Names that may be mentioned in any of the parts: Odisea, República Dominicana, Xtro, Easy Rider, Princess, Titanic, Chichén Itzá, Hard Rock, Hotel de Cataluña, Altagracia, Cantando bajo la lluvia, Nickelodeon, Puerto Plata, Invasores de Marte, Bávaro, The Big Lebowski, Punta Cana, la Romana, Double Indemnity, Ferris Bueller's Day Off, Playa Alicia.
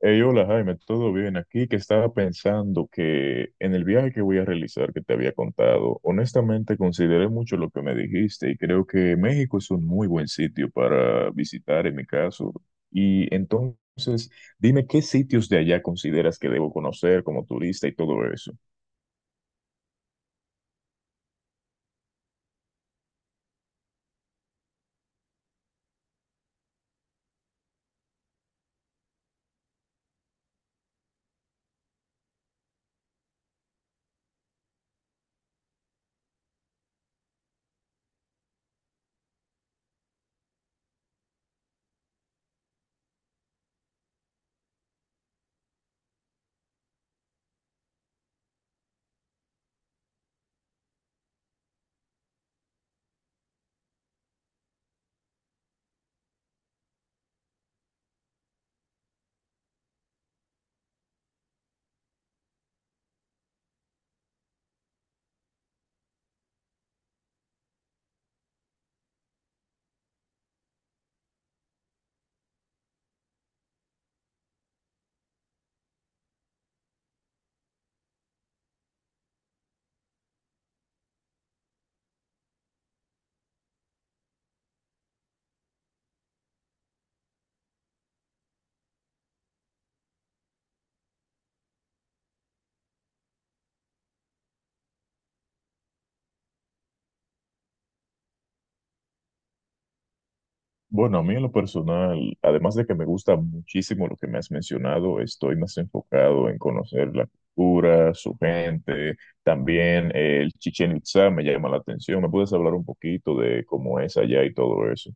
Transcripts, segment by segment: Hey, hola Jaime, ¿todo bien? Aquí que estaba pensando que en el viaje que voy a realizar que te había contado, honestamente consideré mucho lo que me dijiste y creo que México es un muy buen sitio para visitar en mi caso. Y entonces, dime qué sitios de allá consideras que debo conocer como turista y todo eso. Bueno, a mí en lo personal, además de que me gusta muchísimo lo que me has mencionado, estoy más enfocado en conocer la cultura, su gente, también el Chichén Itzá me llama la atención. ¿Me puedes hablar un poquito de cómo es allá y todo eso?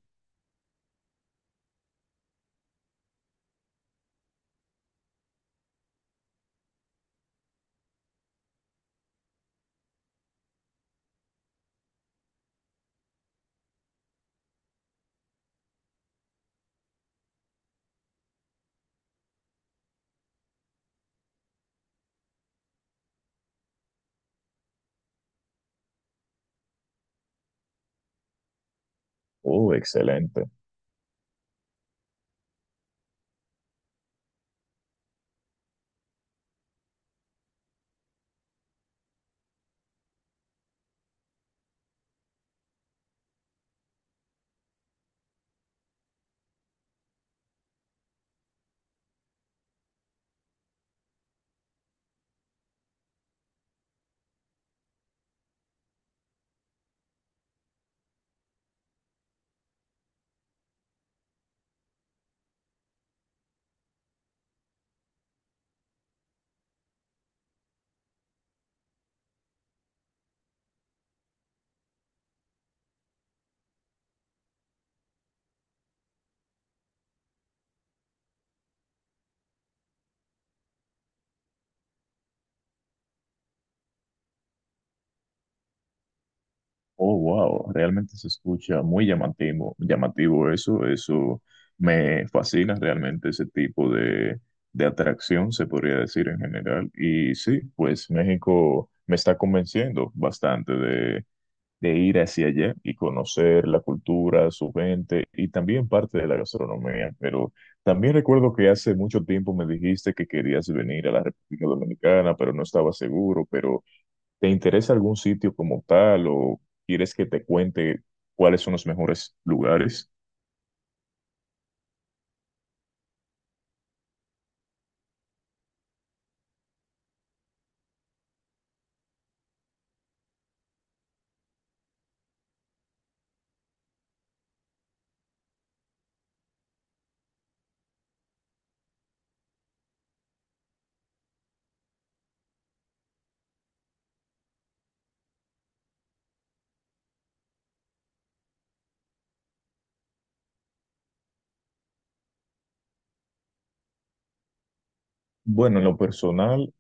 Oh, excelente. Oh, wow, realmente se escucha muy llamativo, llamativo eso, eso me fascina realmente ese tipo de atracción, se podría decir en general. Y sí, pues México me está convenciendo bastante de ir hacia allá y conocer la cultura, su gente y también parte de la gastronomía. Pero también recuerdo que hace mucho tiempo me dijiste que querías venir a la República Dominicana, pero no estaba seguro, pero... ¿Te interesa algún sitio como tal o quieres que te cuente cuáles son los mejores lugares? Bueno, en lo personal,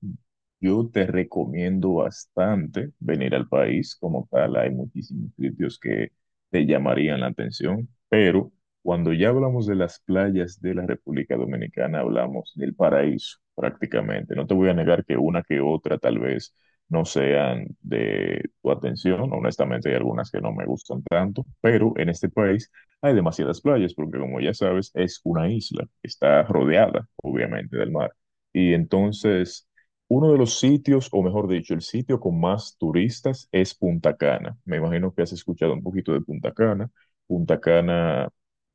yo te recomiendo bastante venir al país como tal. Hay muchísimos sitios que te llamarían la atención, pero cuando ya hablamos de las playas de la República Dominicana, hablamos del paraíso prácticamente. No te voy a negar que una que otra tal vez no sean de tu atención. Honestamente, hay algunas que no me gustan tanto, pero en este país hay demasiadas playas porque como ya sabes, es una isla. Está rodeada, obviamente, del mar. Y entonces... uno de los sitios, o mejor dicho, el sitio con más turistas es Punta Cana. Me imagino que has escuchado un poquito de Punta Cana. Punta Cana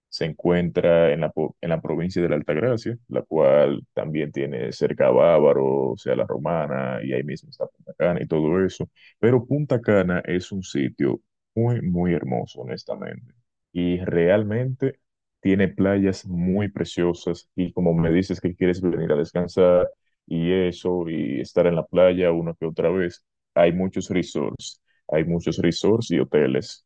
se encuentra en la, en la provincia de la Altagracia, la cual también tiene cerca a Bávaro, o sea, la Romana, y ahí mismo está Punta Cana y todo eso. Pero Punta Cana es un sitio muy, muy hermoso, honestamente. Y realmente tiene playas muy preciosas. Y como me dices que quieres venir a descansar y eso, y estar en la playa una que otra vez, hay muchos resorts. Hay muchos resorts y hoteles.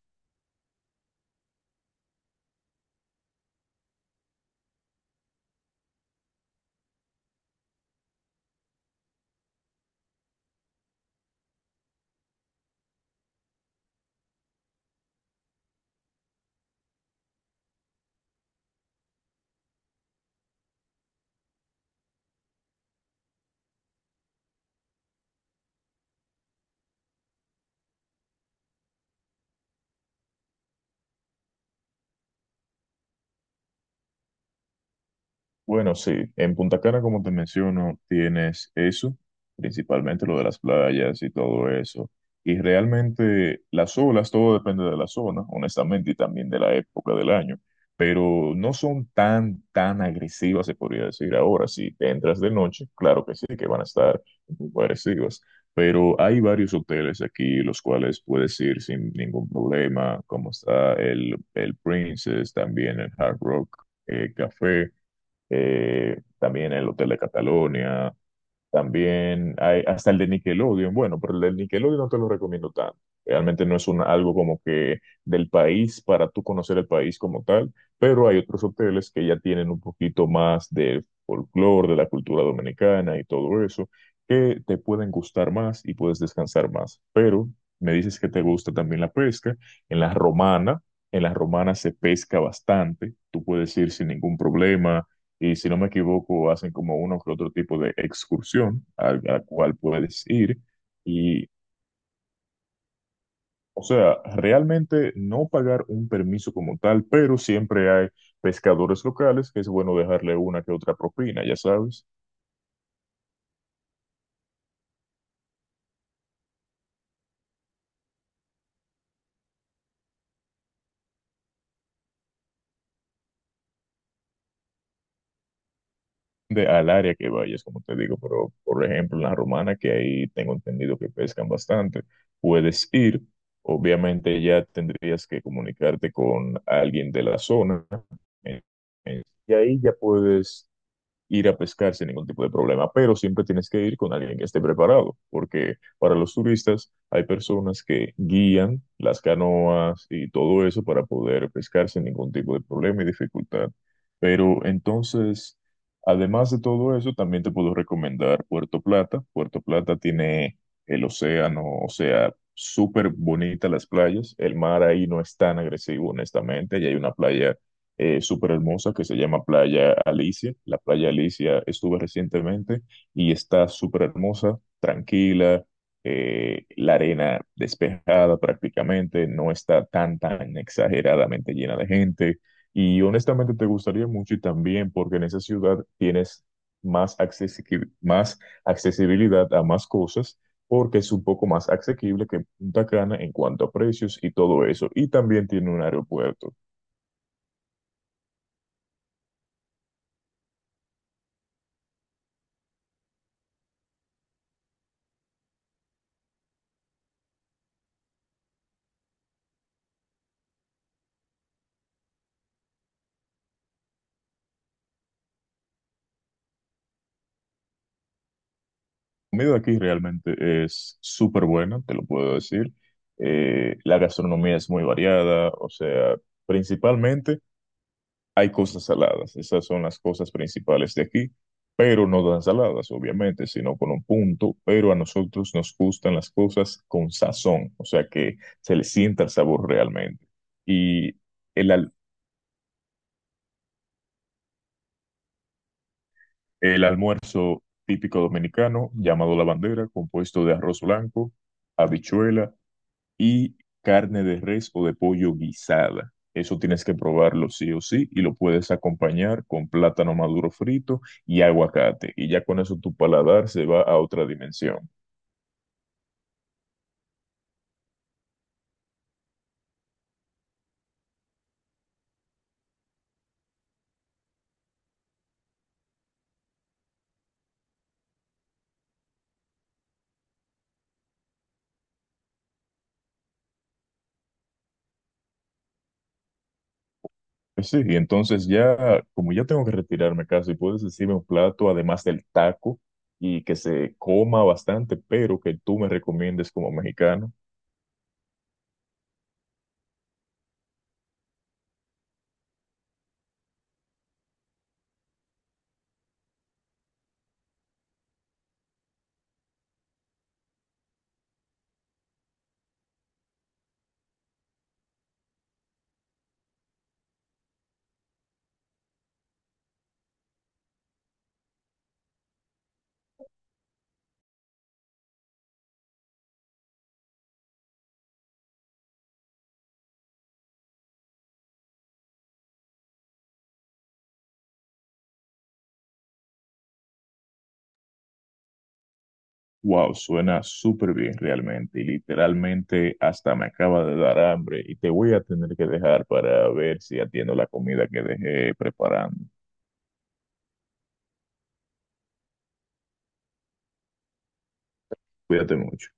Bueno, sí, en Punta Cana, como te menciono, tienes eso, principalmente lo de las playas y todo eso. Y realmente las olas, todo depende de la zona, honestamente, y también de la época del año. Pero no son tan, tan agresivas, se podría decir ahora. Si te entras de noche, claro que sí, que van a estar muy agresivas. Pero hay varios hoteles aquí, los cuales puedes ir sin ningún problema, como está el Princess, también el Hard Rock Café, también el Hotel de Cataluña, también hay hasta el de Nickelodeon, bueno, pero el de Nickelodeon no te lo recomiendo tanto. Realmente no es un, algo como que del país para tú conocer el país como tal, pero hay otros hoteles que ya tienen un poquito más de folclore, de la cultura dominicana y todo eso, que te pueden gustar más y puedes descansar más. Pero me dices que te gusta también la pesca. En la Romana, en la Romana se pesca bastante, tú puedes ir sin ningún problema y si no me equivoco, hacen como uno que otro tipo de excursión a la cual puedes ir. Y, o sea, realmente no pagar un permiso como tal, pero siempre hay pescadores locales que es bueno dejarle una que otra propina, ya sabes, de al área que vayas, como te digo. Pero, por ejemplo, en la Romana, que ahí tengo entendido que pescan bastante, puedes ir. Obviamente ya tendrías que comunicarte con alguien de la zona. En- y ahí ya puedes ir a pescar sin ningún tipo de problema, pero siempre tienes que ir con alguien que esté preparado, porque para los turistas hay personas que guían las canoas y todo eso para poder pescar sin ningún tipo de problema y dificultad. Pero entonces, además de todo eso, también te puedo recomendar Puerto Plata. Puerto Plata tiene el océano, o sea, súper bonita las playas. El mar ahí no es tan agresivo, honestamente, y hay una playa súper hermosa que se llama Playa Alicia. La Playa Alicia estuve recientemente y está súper hermosa, tranquila, la arena despejada prácticamente, no está tan, tan exageradamente llena de gente. Y honestamente te gustaría mucho y también porque en esa ciudad tienes más accesibilidad a más cosas porque es un poco más asequible que Punta Cana en cuanto a precios y todo eso. Y también tiene un aeropuerto. Comida aquí realmente es súper buena, te lo puedo decir. La gastronomía es muy variada, o sea, principalmente hay cosas saladas, esas son las cosas principales de aquí, pero no tan saladas, obviamente, sino con un punto, pero a nosotros nos gustan las cosas con sazón, o sea, que se le sienta el sabor realmente. Y el el almuerzo típico dominicano, llamado la bandera, compuesto de arroz blanco, habichuela, y carne de res o de pollo guisada. Eso tienes que probarlo sí o sí y lo puedes acompañar con plátano maduro frito y aguacate. Y ya con eso tu paladar se va a otra dimensión. Pues sí, y entonces ya, como ya tengo que retirarme casi, puedes decirme un plato además del taco y que se coma bastante, pero que tú me recomiendes como mexicano. Wow, suena súper bien realmente y literalmente hasta me acaba de dar hambre y te voy a tener que dejar para ver si atiendo la comida que dejé preparando. Cuídate mucho.